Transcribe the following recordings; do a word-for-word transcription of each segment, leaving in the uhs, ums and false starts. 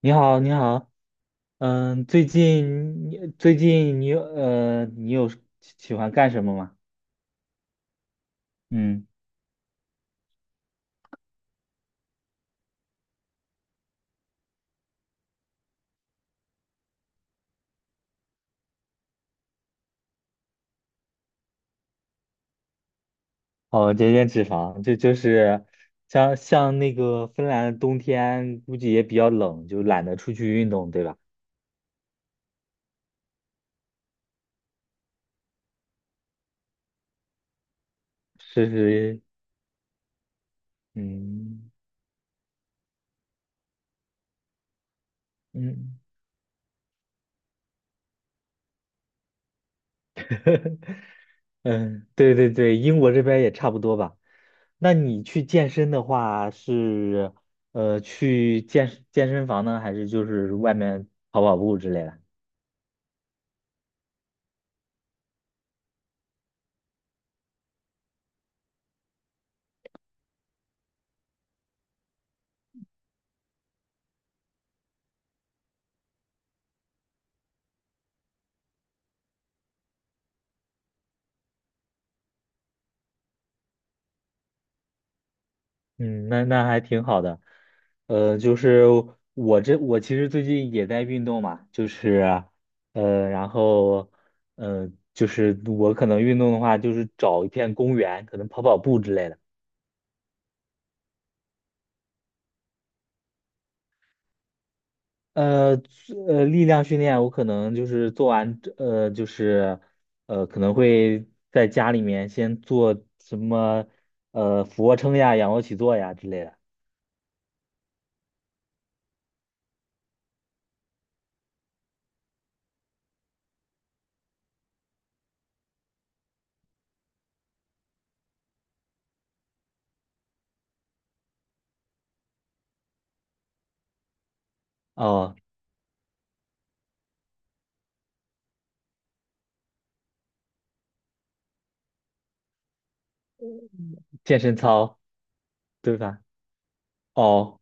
你好，你好，嗯，最近你最近你有呃，你有喜喜欢干什么吗？嗯，哦，减减脂肪，这就是像像那个芬兰的冬天，估计也比较冷，就懒得出去运动，对吧？是是，嗯嗯 嗯，对对对，英国这边也差不多吧。那你去健身的话是呃去健健身房呢，还是就是外面跑跑步之类的？嗯，那那还挺好的。呃，就是我这我其实最近也在运动嘛，就是呃，然后呃，就是我可能运动的话，就是找一片公园，可能跑跑步之类的。呃呃，力量训练我可能就是做完呃，就是呃，可能会在家里面先做什么呃俯卧撑呀、仰卧起坐呀之类的。哦，健身操，对吧？哦。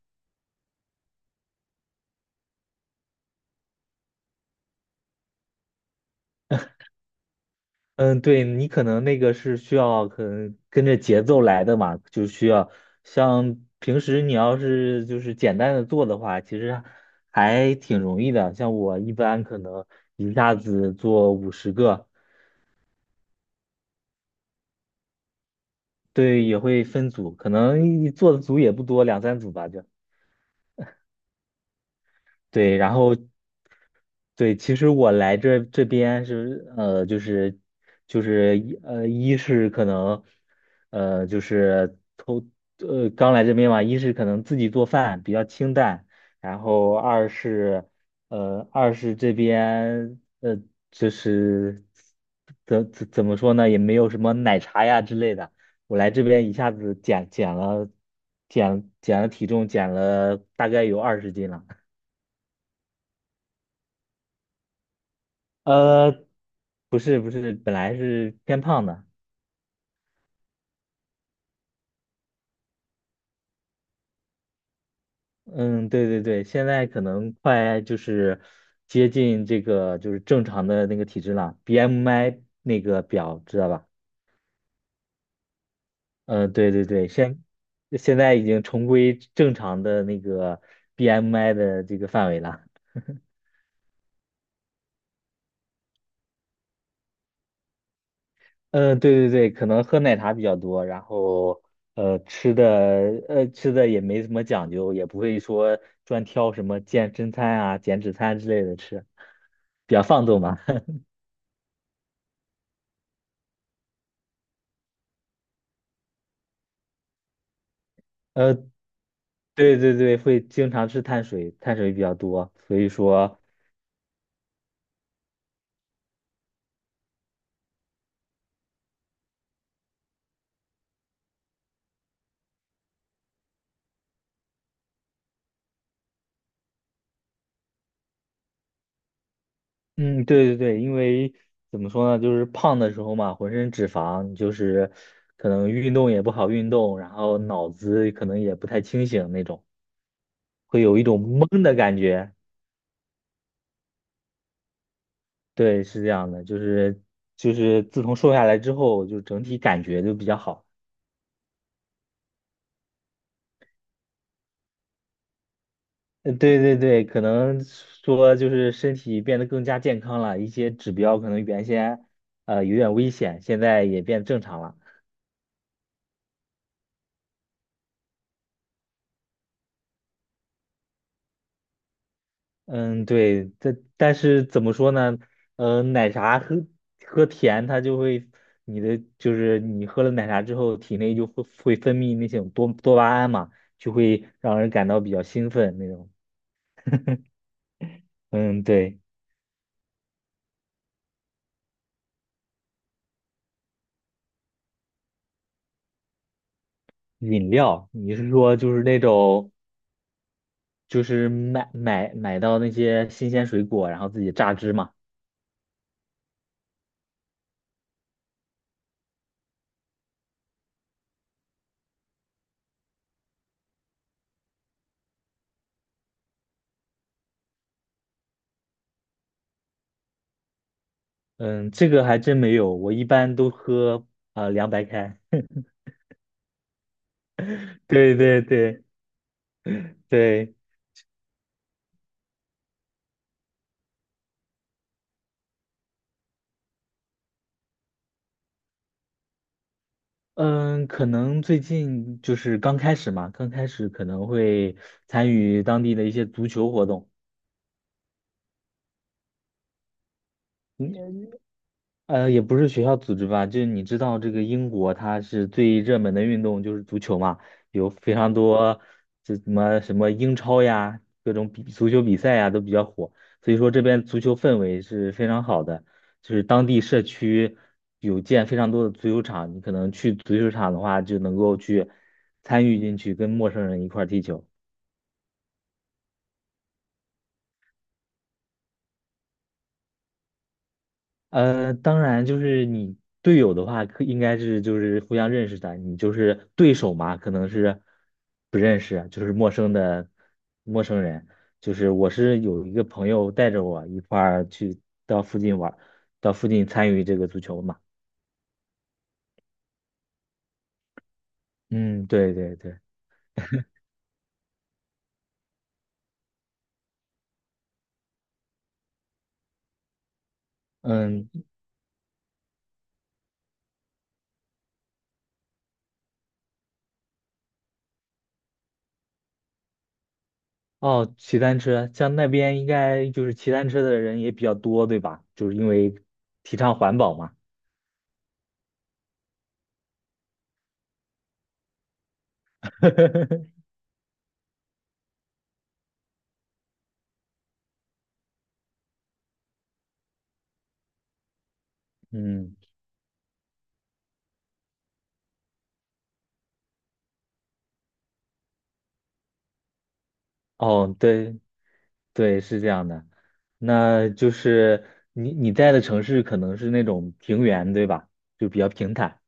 嗯，对，你可能那个是需要可能跟着节奏来的嘛，就需要像平时你要是就是简单的做的话，其实还挺容易的。像我一般可能一下子做五十个，对，也会分组，可能一做的组也不多，两三组吧就。对，然后对，其实我来这这边是呃，就是就是一呃，一是可能呃，就是头呃刚来这边嘛，一是可能自己做饭比较清淡，然后二是呃二是这边呃就是怎怎怎么说呢，也没有什么奶茶呀之类的，我来这边一下子减减了减减了体重，减了大概有二十斤了。呃，不是不是，本来是偏胖的，嗯，对对对，现在可能快就是接近这个就是正常的那个体质了，B M I 那个表知道吧？嗯、对对对，现现在已经重归正常的那个 B M I 的这个范围了。嗯、呃对对对，可能喝奶茶比较多，然后呃吃的呃吃的也没什么讲究，也不会说专挑什么健身餐啊、减脂餐之类的吃，比较放纵嘛。呃，对对对，会经常吃碳水，碳水比较多，所以说，嗯，对对对，因为怎么说呢，就是胖的时候嘛，浑身脂肪，就是可能运动也不好运动，然后脑子可能也不太清醒那种，会有一种懵的感觉。对，是这样的，就是就是自从瘦下来之后，就整体感觉就比较好。呃，对对对，可能说就是身体变得更加健康了，一些指标可能原先呃有点危险，现在也变正常了。嗯，对，但但是怎么说呢？呃，奶茶喝喝甜，它就会你的就是你喝了奶茶之后，体内就会会分泌那种多多巴胺嘛，就会让人感到比较兴奋那种。嗯，对。饮料，你是说就是那种就是买买买到那些新鲜水果，然后自己榨汁嘛？嗯，这个还真没有，我一般都喝呃凉白开。对对对对，嗯，可能最近就是刚开始嘛，刚开始可能会参与当地的一些足球活动。嗯呃，也不是学校组织吧，就是你知道这个英国它是最热门的运动就是足球嘛，有非常多这什么什么英超呀，各种比足球比赛呀都比较火，所以说这边足球氛围是非常好的，就是当地社区有建非常多的足球场，你可能去足球场的话就能够去参与进去，跟陌生人一块儿踢球。呃，当然就是你队友的话，可应该是就是互相认识的。你就是对手嘛，可能是不认识，就是陌生的陌生人。就是我是有一个朋友带着我一块儿去到附近玩儿到附近参与这个足球嘛。嗯，对对对，嗯，哦，骑单车，像那边应该就是骑单车的人也比较多，对吧？就是因为提倡环保嘛。嗯，哦，对。对，是这样的。那就是你你在的城市可能是那种平原，对吧？就比较平坦。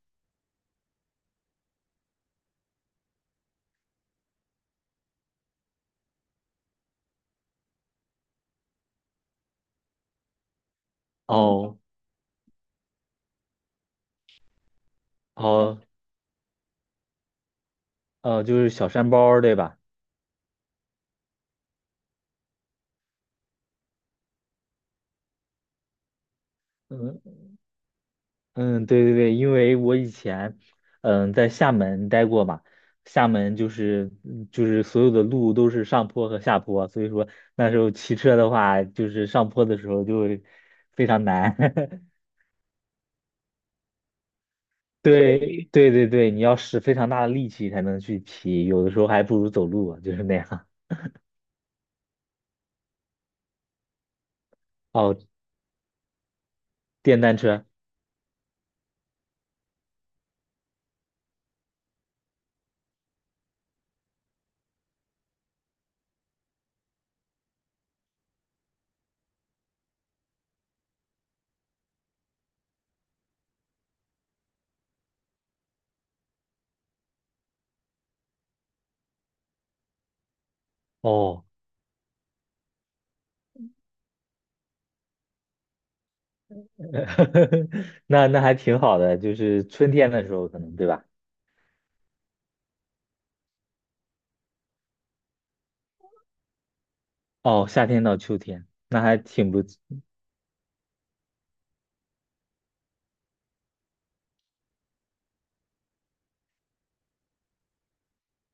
哦，哦，呃，就是小山包儿，对吧？嗯嗯，对对对，因为我以前嗯在厦门待过嘛，厦门就是嗯就是所有的路都是上坡和下坡，所以说那时候骑车的话，就是上坡的时候就会非常难。对对对对，你要使非常大的力气才能去骑，有的时候还不如走路，就是那样。哦，电单车，哦，那那还挺好的，就是春天的时候可能，对吧？哦，夏天到秋天，那还挺不，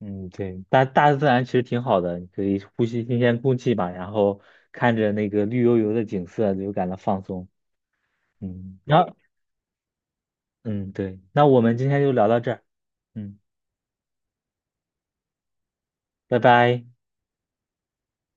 嗯，对，大大自然其实挺好的，你可以呼吸新鲜空气吧，然后看着那个绿油油的景色，就感到放松。嗯，然后，嗯，对，那我们今天就聊到这儿，嗯，拜拜。